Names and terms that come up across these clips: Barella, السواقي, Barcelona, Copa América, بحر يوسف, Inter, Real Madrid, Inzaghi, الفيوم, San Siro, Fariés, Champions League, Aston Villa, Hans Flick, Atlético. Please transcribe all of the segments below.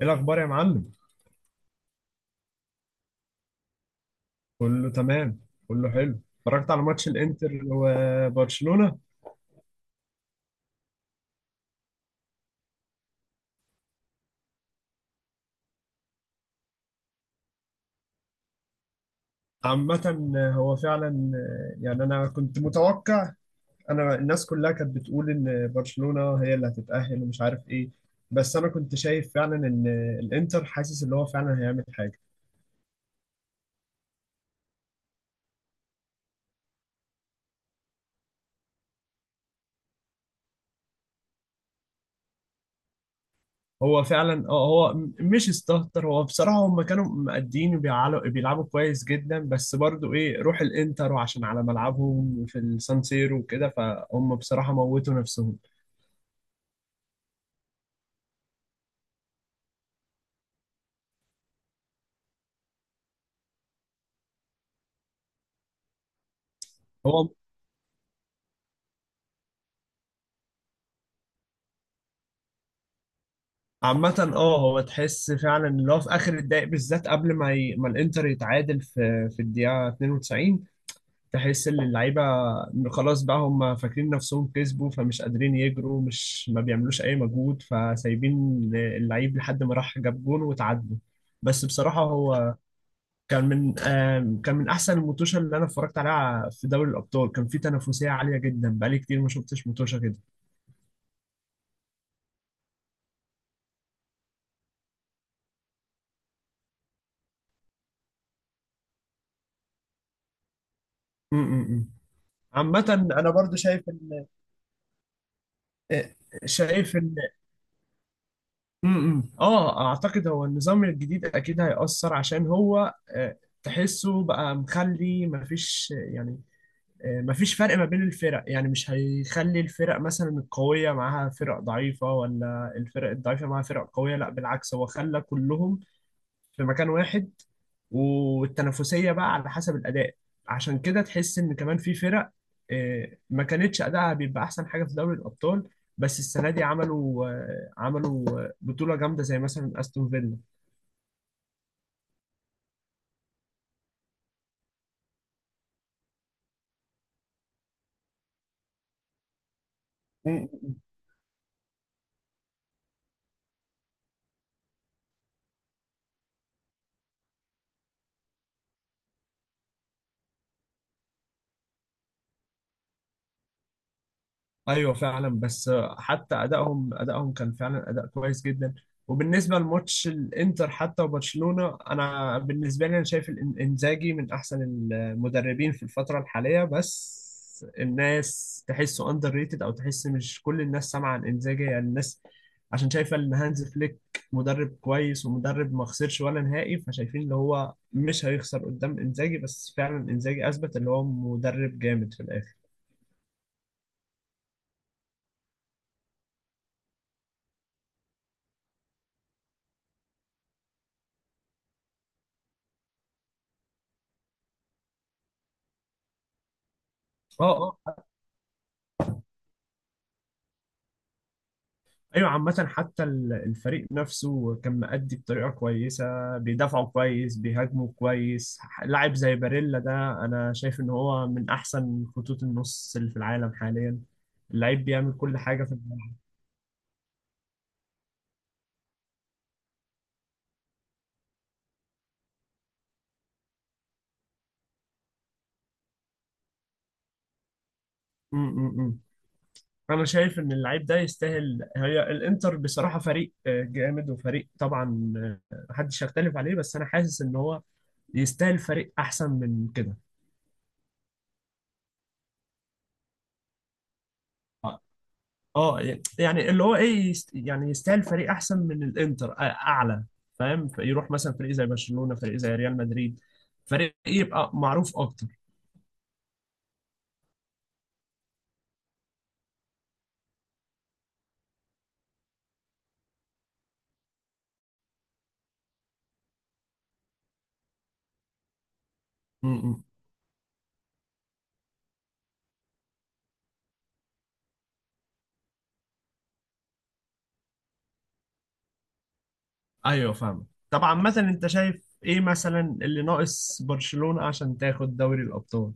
ايه الاخبار يا معلم. كله تمام. كله حلو، اتفرجت على ماتش الانتر وبرشلونة. عامة هو فعلا. يعني انا كنت متوقع، الناس كلها كانت بتقول ان برشلونة هي اللي هتتأهل ومش عارف ايه. بس انا كنت شايف فعلا ان الانتر حاسس ان هو فعلا هيعمل حاجة. هو فعلا، هو مش استهتر. هو بصراحة هم كانوا مقدين وبيعلوا- بيلعبوا كويس جدا، بس برضو ايه روح الانتر، وعشان على ملعبهم في السان سيرو وكده، فهم بصراحة موتوا نفسهم. هو عامة، هو تحس فعلا اللي هو في اخر الدقايق بالذات قبل ما الانتر يتعادل في الدقيقة 92. تحس ان اللعيبة خلاص بقى، هم فاكرين نفسهم كسبوا فمش قادرين يجروا، مش ما بيعملوش اي مجهود، فسايبين اللعيب لحد ما راح جاب جون وتعادلوا. بس بصراحة هو كان من كان من احسن الموتوشة اللي انا اتفرجت عليها في دوري الابطال. كان في تنافسية عالية جدا، بقالي كتير ما شفتش موتوشة كده. م- م- م. عامة أنا برضو شايف، آه، شايف ان م- م. اه اعتقد هو النظام الجديد اكيد هيأثر، عشان هو تحسه بقى مخلي مفيش، يعني مفيش فرق ما بين الفرق، يعني مش هيخلي الفرق مثلا القوية معاها فرق ضعيفة، ولا الفرق الضعيفة معاها فرق قوية، لا بالعكس هو خلى كلهم في مكان واحد، والتنافسية بقى على حسب الأداء. عشان كده تحس إن كمان في فرق ما كانتش أداءها بيبقى أحسن حاجة في دوري الأبطال، بس السنة دي عملوا بطولة جامدة زي مثلا أستون فيلا. ايوه فعلا بس، حتى ادائهم كان فعلا اداء كويس جدا. وبالنسبه لماتش الانتر حتى وبرشلونه، انا بالنسبه لي انا شايف انزاجي من احسن المدربين في الفتره الحاليه، بس الناس تحسه اندر ريتد، او تحس مش كل الناس سامعه عن انزاجي، يعني الناس عشان شايفه ان هانز فليك مدرب كويس ومدرب ما خسرش ولا نهائي، فشايفين ان هو مش هيخسر قدام انزاجي، بس فعلا انزاجي اثبت ان هو مدرب جامد في الاخر. اه ايوه عامة، حتى الفريق نفسه كان مأدي بطريقة كويسة، بيدافعوا كويس، بيهاجموا كويس. لاعب زي باريلا ده، انا شايف ان هو من احسن خطوط النص اللي في العالم حاليا، اللعيب بيعمل كل حاجة في الملعب. م- م- م. انا شايف ان اللعيب ده يستاهل. هي الانتر بصراحة فريق جامد، وفريق طبعا محدش يختلف عليه، بس انا حاسس ان هو يستاهل فريق احسن من كده. اه، يعني اللي هو ايه، يعني يستاهل فريق احسن من الانتر، اعلى، فاهم، يروح مثلا فريق زي برشلونة، فريق زي ريال مدريد، فريق يبقى معروف اكتر. م- م. ايوه فاهم طبعا. مثلا انت شايف ايه مثلا اللي ناقص برشلونة عشان تاخد دوري الابطال؟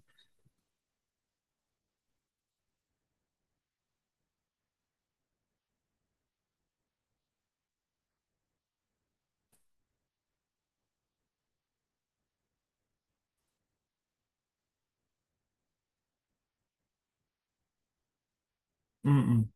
م- م.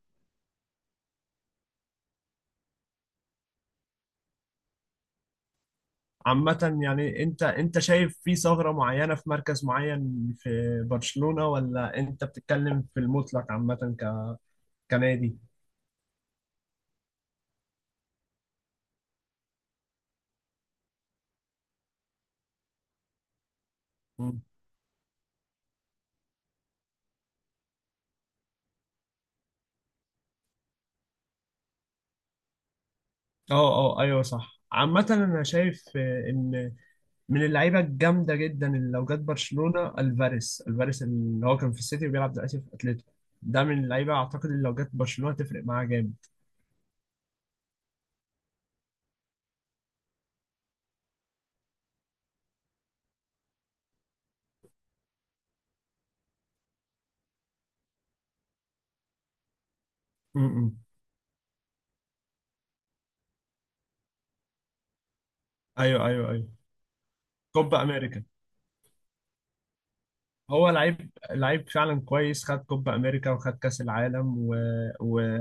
عامة يعني انت شايف في ثغرة معينة في مركز معين في برشلونة، ولا انت بتتكلم في المطلق عامة كنادي؟ اه اه ايوه صح. عامة انا شايف ان من اللعيبة الجامدة جدا اللي لو جت برشلونة الفاريس، اللي هو كان في السيتي وبيلعب دلوقتي في اتلتيكو، ده من اللعيبة اعتقد اللي لو جت برشلونة تفرق معاه جامد. م- م. ايوه ايوه ايوه. كوبا امريكا. هو لعيب، لعيب فعلا كويس، خد كوبا امريكا وخد كاس العالم و...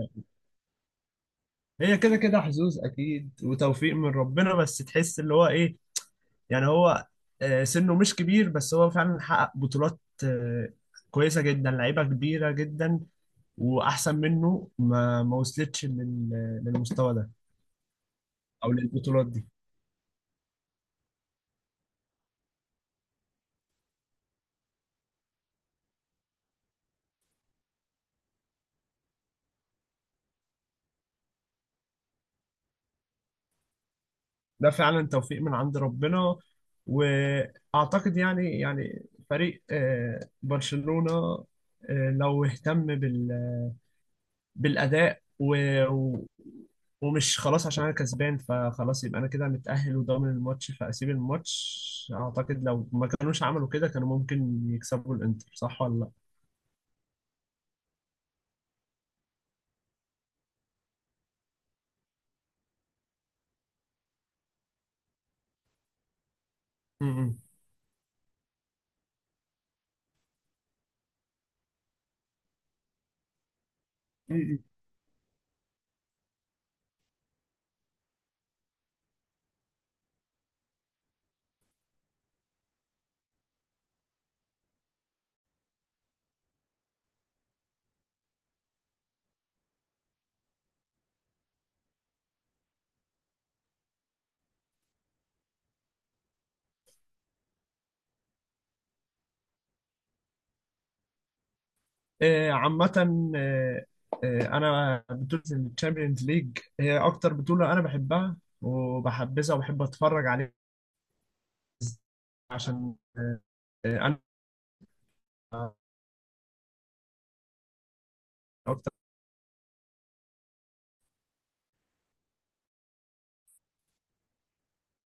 هي كده كده حظوظ اكيد وتوفيق من ربنا، بس تحس اللي هو ايه، يعني هو سنه مش كبير، بس هو فعلا حقق بطولات كويسة جدا، لعيبة كبيرة جدا، وأحسن منه ما ما وصلتش للمستوى ده، أو للبطولات دي. ده فعلا توفيق من عند ربنا. وأعتقد يعني فريق برشلونة، لو اهتم بالاداء و... ومش خلاص عشان انا كسبان فخلاص يبقى انا كده متاهل وضامن الماتش فاسيب الماتش. اعتقد لو ما كانوش عملوا كده كانوا ممكن يكسبوا الانتر، صح ولا لا؟ م- م. م- م. آه، عامه، آه، انا بطوله الشامبيونز ليج هي اكتر بطوله انا بحبها وبحبذها وبحب اتفرج عليها. عشان انا اكتر.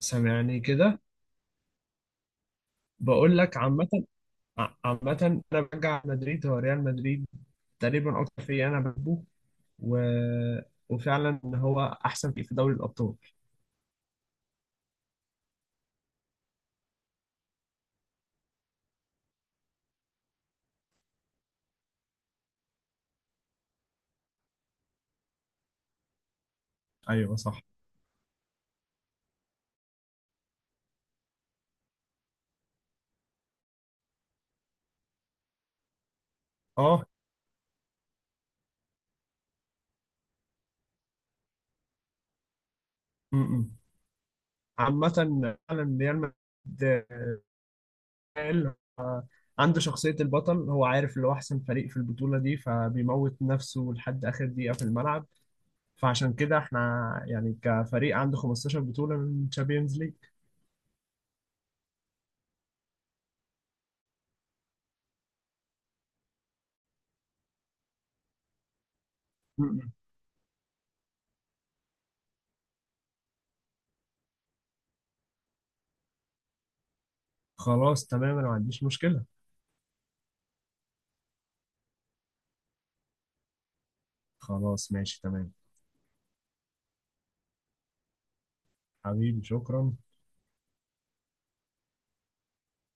سامعني كده. بقول لك عامه، عامه انا بشجع مدريد، هو ريال مدريد تقريبا اكتر فريق انا بحبه. و... وفعلا هو احسن فريق في دوري الابطال. ايوه صح. اه م- م. عامة فعلا ريال مدريد، آه، آه، عنده شخصية البطل، هو عارف اللي هو أحسن فريق في البطولة دي، فبيموت نفسه لحد آخر دقيقة في الملعب. فعشان كده احنا، يعني كفريق عنده 15 بطولة من تشامبيونز ليج. م- م. خلاص تمام أنا ما عنديش مشكلة. خلاص ماشي تمام. حبيبي شكرا.